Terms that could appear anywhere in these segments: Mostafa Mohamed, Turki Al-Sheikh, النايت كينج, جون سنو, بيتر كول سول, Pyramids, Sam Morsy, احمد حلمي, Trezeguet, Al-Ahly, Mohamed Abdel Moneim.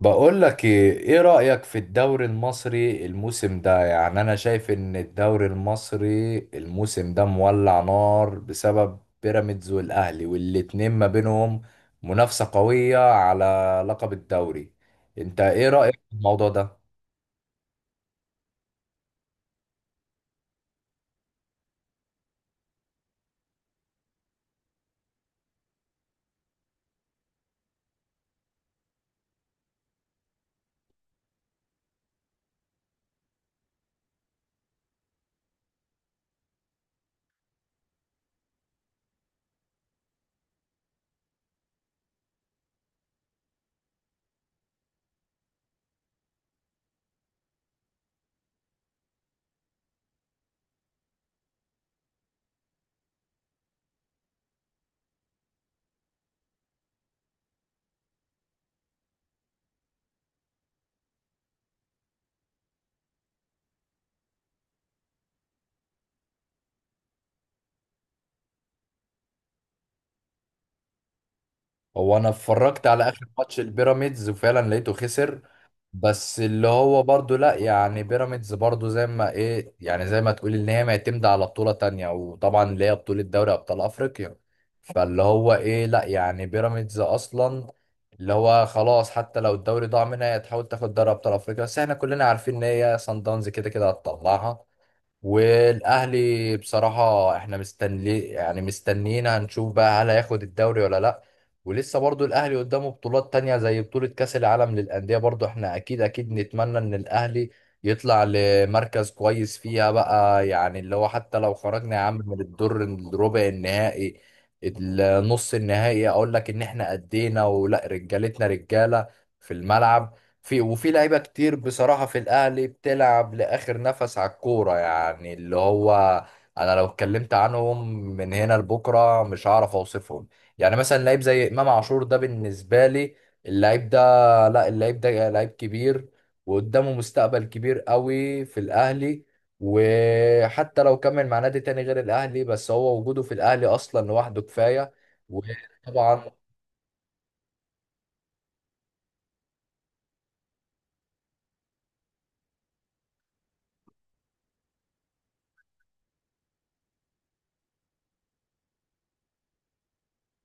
بقول لك ايه رأيك في الدوري المصري الموسم ده، يعني انا شايف ان الدوري المصري الموسم ده مولع نار بسبب بيراميدز والاهلي، والاتنين ما بينهم منافسة قوية على لقب الدوري. انت ايه رأيك في الموضوع ده؟ هو انا اتفرجت على اخر ماتش البيراميدز وفعلا لقيته خسر، بس اللي هو برضو لا يعني بيراميدز برضو زي ما ايه يعني زي ما تقول ان هي معتمدة على بطولة تانية، وطبعا اللي هي بطولة دوري ابطال افريقيا. فاللي هو ايه لا يعني بيراميدز اصلا اللي هو خلاص حتى لو الدوري ضاع منها هي تحاول تاخد دوري ابطال افريقيا، بس احنا كلنا عارفين ان هي سان داونز كده كده هتطلعها. والاهلي بصراحه احنا مستنيين هنشوف بقى هل هياخد الدوري ولا لا. ولسه برضو الاهلي قدامه بطولات تانية زي بطوله كاس العالم للانديه، برضو احنا اكيد اكيد نتمنى ان الاهلي يطلع لمركز كويس فيها بقى. يعني اللي هو حتى لو خرجنا يا عم من الدور الربع النهائي، النص النهائي، اقول لك ان احنا ادينا ولا رجالتنا رجاله في الملعب. في لعيبة كتير بصراحة في الأهلي بتلعب لآخر نفس على الكورة. يعني اللي هو أنا لو اتكلمت عنهم من هنا لبكرة مش هعرف أوصفهم. يعني مثلا لعيب زي إمام عاشور ده بالنسبة لي اللعيب ده، لا اللعيب ده لعيب كبير وقدامه مستقبل كبير قوي في الأهلي. وحتى لو كمل مع نادي تاني غير الأهلي، بس هو وجوده في الأهلي أصلا لوحده كفاية. وطبعا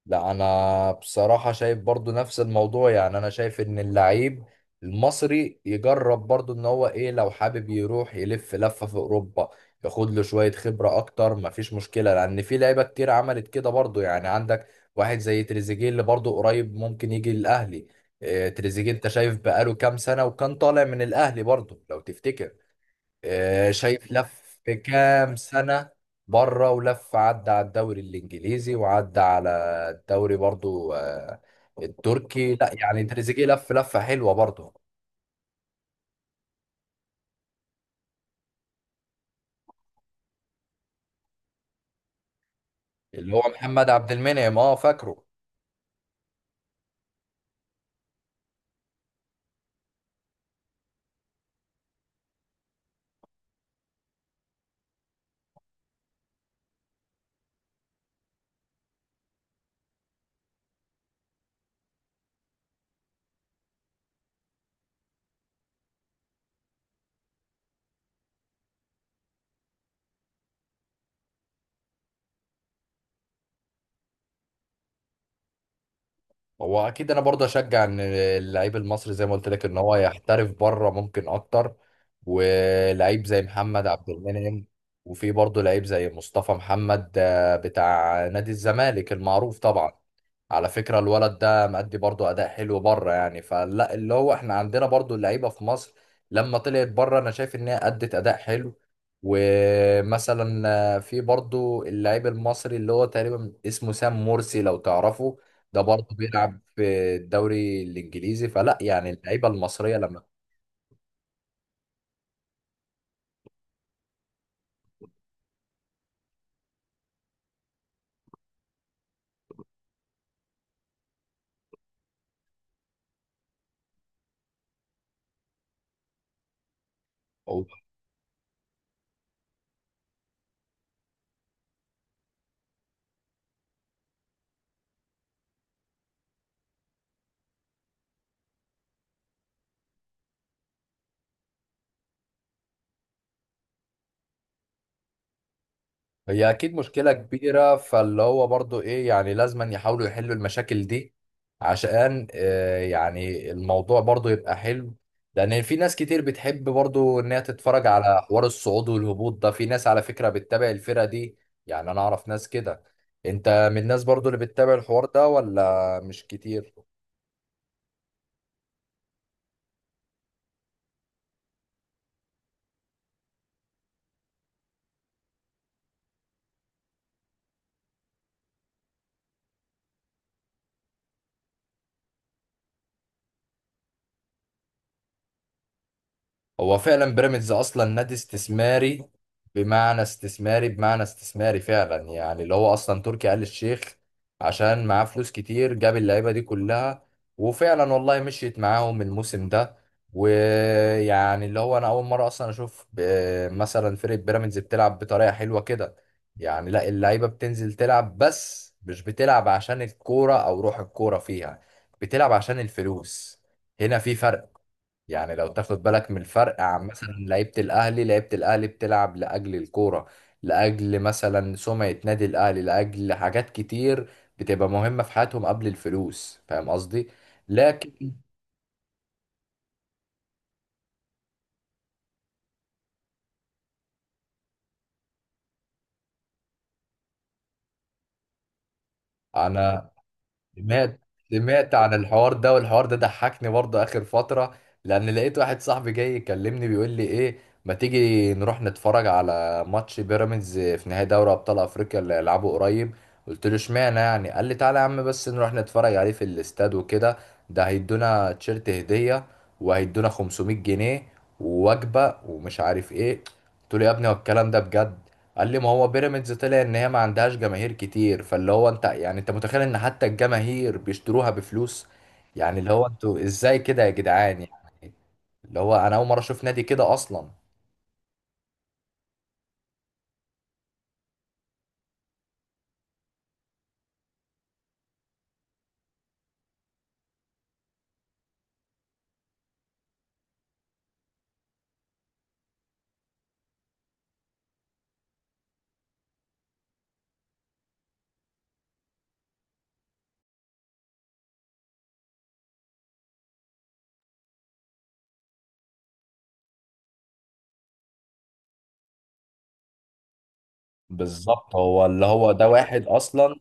لا انا بصراحة شايف برضو نفس الموضوع. يعني انا شايف ان اللعيب المصري يجرب برضو ان هو ايه لو حابب يروح يلف لفة في اوروبا ياخد له شوية خبرة اكتر، مفيش مشكلة، لان في لعيبة كتير عملت كده برضو. يعني عندك واحد زي تريزيجيه اللي برضو قريب ممكن يجي الاهلي. تريزيجيه انت شايف بقاله كام سنة وكان طالع من الاهلي برضو لو تفتكر. شايف لف في كام سنة بره ولف عدى على الدوري الإنجليزي، وعدى على الدوري برضو التركي. لا يعني تريزيجيه لف لفة حلوة برضو. اللي هو محمد عبد المنعم اه فاكره. هو اكيد انا برضه اشجع ان اللعيب المصري زي ما قلت لك ان هو يحترف بره ممكن اكتر. ولعيب زي محمد عبد المنعم، وفي برضه لعيب زي مصطفى محمد بتاع نادي الزمالك المعروف طبعا. على فكرة الولد ده مأدي برضه اداء حلو بره. يعني فلا اللي هو احنا عندنا برضه اللعيبة في مصر لما طلعت بره انا شايف ان هي ادت اداء حلو. ومثلا في برضه اللعيب المصري اللي هو تقريبا اسمه سام مرسي لو تعرفه، ده برضه بيلعب في الدوري الانجليزي. فلا يعني اللعيبه المصريه لما بتبقى- over، هي اكيد مشكله كبيره. فاللي هو برضه ايه، يعني لازم يحاولوا يحلوا المشاكل دي عشان يعني الموضوع برضه يبقى حلو. لان في ناس كتير بتحب برضه ان هي تتفرج على حوار الصعود والهبوط ده، في ناس على فكره بتتابع الفرقه دي. يعني انا اعرف ناس كده. انت من الناس برضه اللي بتتابع الحوار ده ولا مش كتير؟ هو فعلا بيراميدز اصلا نادي استثماري. بمعنى استثماري فعلا، يعني اللي هو اصلا تركي آل الشيخ عشان معاه فلوس كتير جاب اللعيبه دي كلها. وفعلا والله مشيت معاهم الموسم ده. ويعني اللي هو انا اول مره اصلا اشوف مثلا فرقه بيراميدز بتلعب بطريقه حلوه كده. يعني لا اللعيبه بتنزل تلعب بس مش بتلعب عشان الكوره او روح الكوره فيها، بتلعب عشان الفلوس. هنا في فرق. يعني لو تاخد بالك من الفرق عن مثلا لعيبة الأهلي، لعيبة الأهلي بتلعب لأجل الكورة، لأجل مثلا سمعة نادي الأهلي، لأجل حاجات كتير بتبقى مهمة في حياتهم قبل الفلوس. فاهم قصدي؟ لكن أنا سمعت سمعت عن الحوار ده، والحوار ده ضحكني برضه آخر فترة. لأن لقيت واحد صاحبي جاي يكلمني بيقول لي إيه، ما تيجي نروح نتفرج على ماتش بيراميدز في نهائي دوري أبطال أفريقيا اللي هيلعبه قريب. قلت له اشمعنى يعني؟ قال لي تعالى يا عم بس نروح نتفرج عليه في الاستاد وكده، ده هيدونا تيشيرت هدية وهيدونا 500 جنيه ووجبة ومش عارف إيه. قلت له يا ابني هو الكلام ده بجد؟ قال لي ما هو بيراميدز طلع ان هي ما عندهاش جماهير كتير. فاللي هو انت يعني انت متخيل ان حتى الجماهير بيشتروها بفلوس؟ يعني اللي هو انتوا ازاي كده يا جدعان يعني. اللي هو انا اول مره اشوف نادي كده اصلا. بالظبط، هو اللي هو ده واحد اصلا،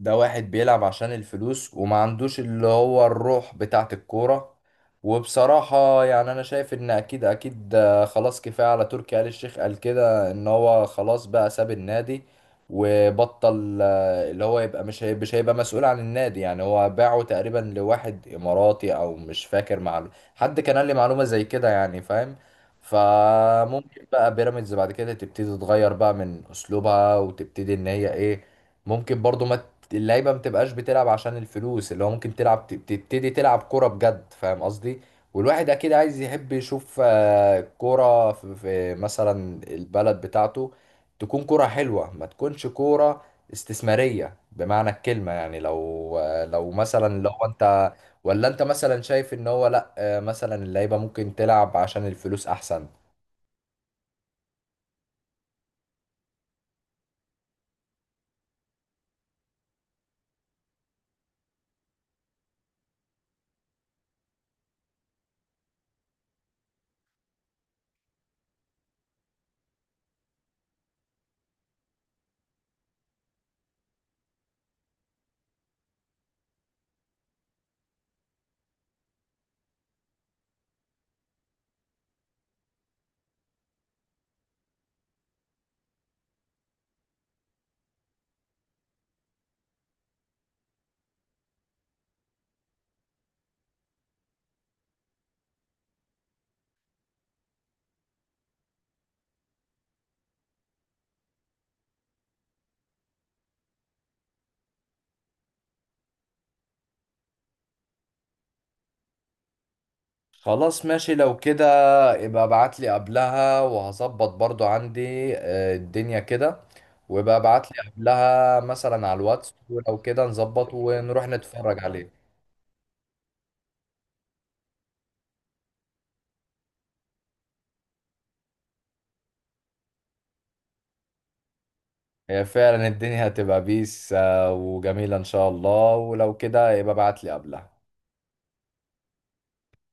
ده واحد بيلعب عشان الفلوس وما عندوش اللي هو الروح بتاعت الكورة. وبصراحة يعني أنا شايف إن أكيد أكيد خلاص كفاية على تركي آل الشيخ. قال كده إن هو خلاص بقى ساب النادي وبطل اللي هو يبقى مش مش هيبقى مسؤول عن النادي. يعني هو باعه تقريبا لواحد إماراتي أو مش فاكر، مع حد كان قال لي معلومة زي كده، يعني فاهم. فممكن بقى بيراميدز بعد كده تبتدي تتغير بقى من أسلوبها وتبتدي إن هي إيه، ممكن برضو ما اللعيبه ما بتبقاش بتلعب عشان الفلوس، اللي هو ممكن تلعب تبتدي تلعب كوره بجد. فاهم قصدي؟ والواحد اكيد عايز يحب يشوف كوره في في مثلا البلد بتاعته تكون كوره حلوه، ما تكونش كوره استثماريه بمعنى الكلمه. يعني لو لو مثلا لو انت، ولا انت مثلا شايف ان هو لا مثلا اللعيبه ممكن تلعب عشان الفلوس احسن؟ خلاص ماشي، لو كده يبقى ابعت لي قبلها وهظبط برضو عندي الدنيا كده. ويبقى ابعت لي قبلها مثلا على الواتس، ولو كده نظبط ونروح نتفرج عليه. هي فعلا الدنيا هتبقى بيس وجميلة ان شاء الله، ولو كده يبقى ابعت لي قبلها.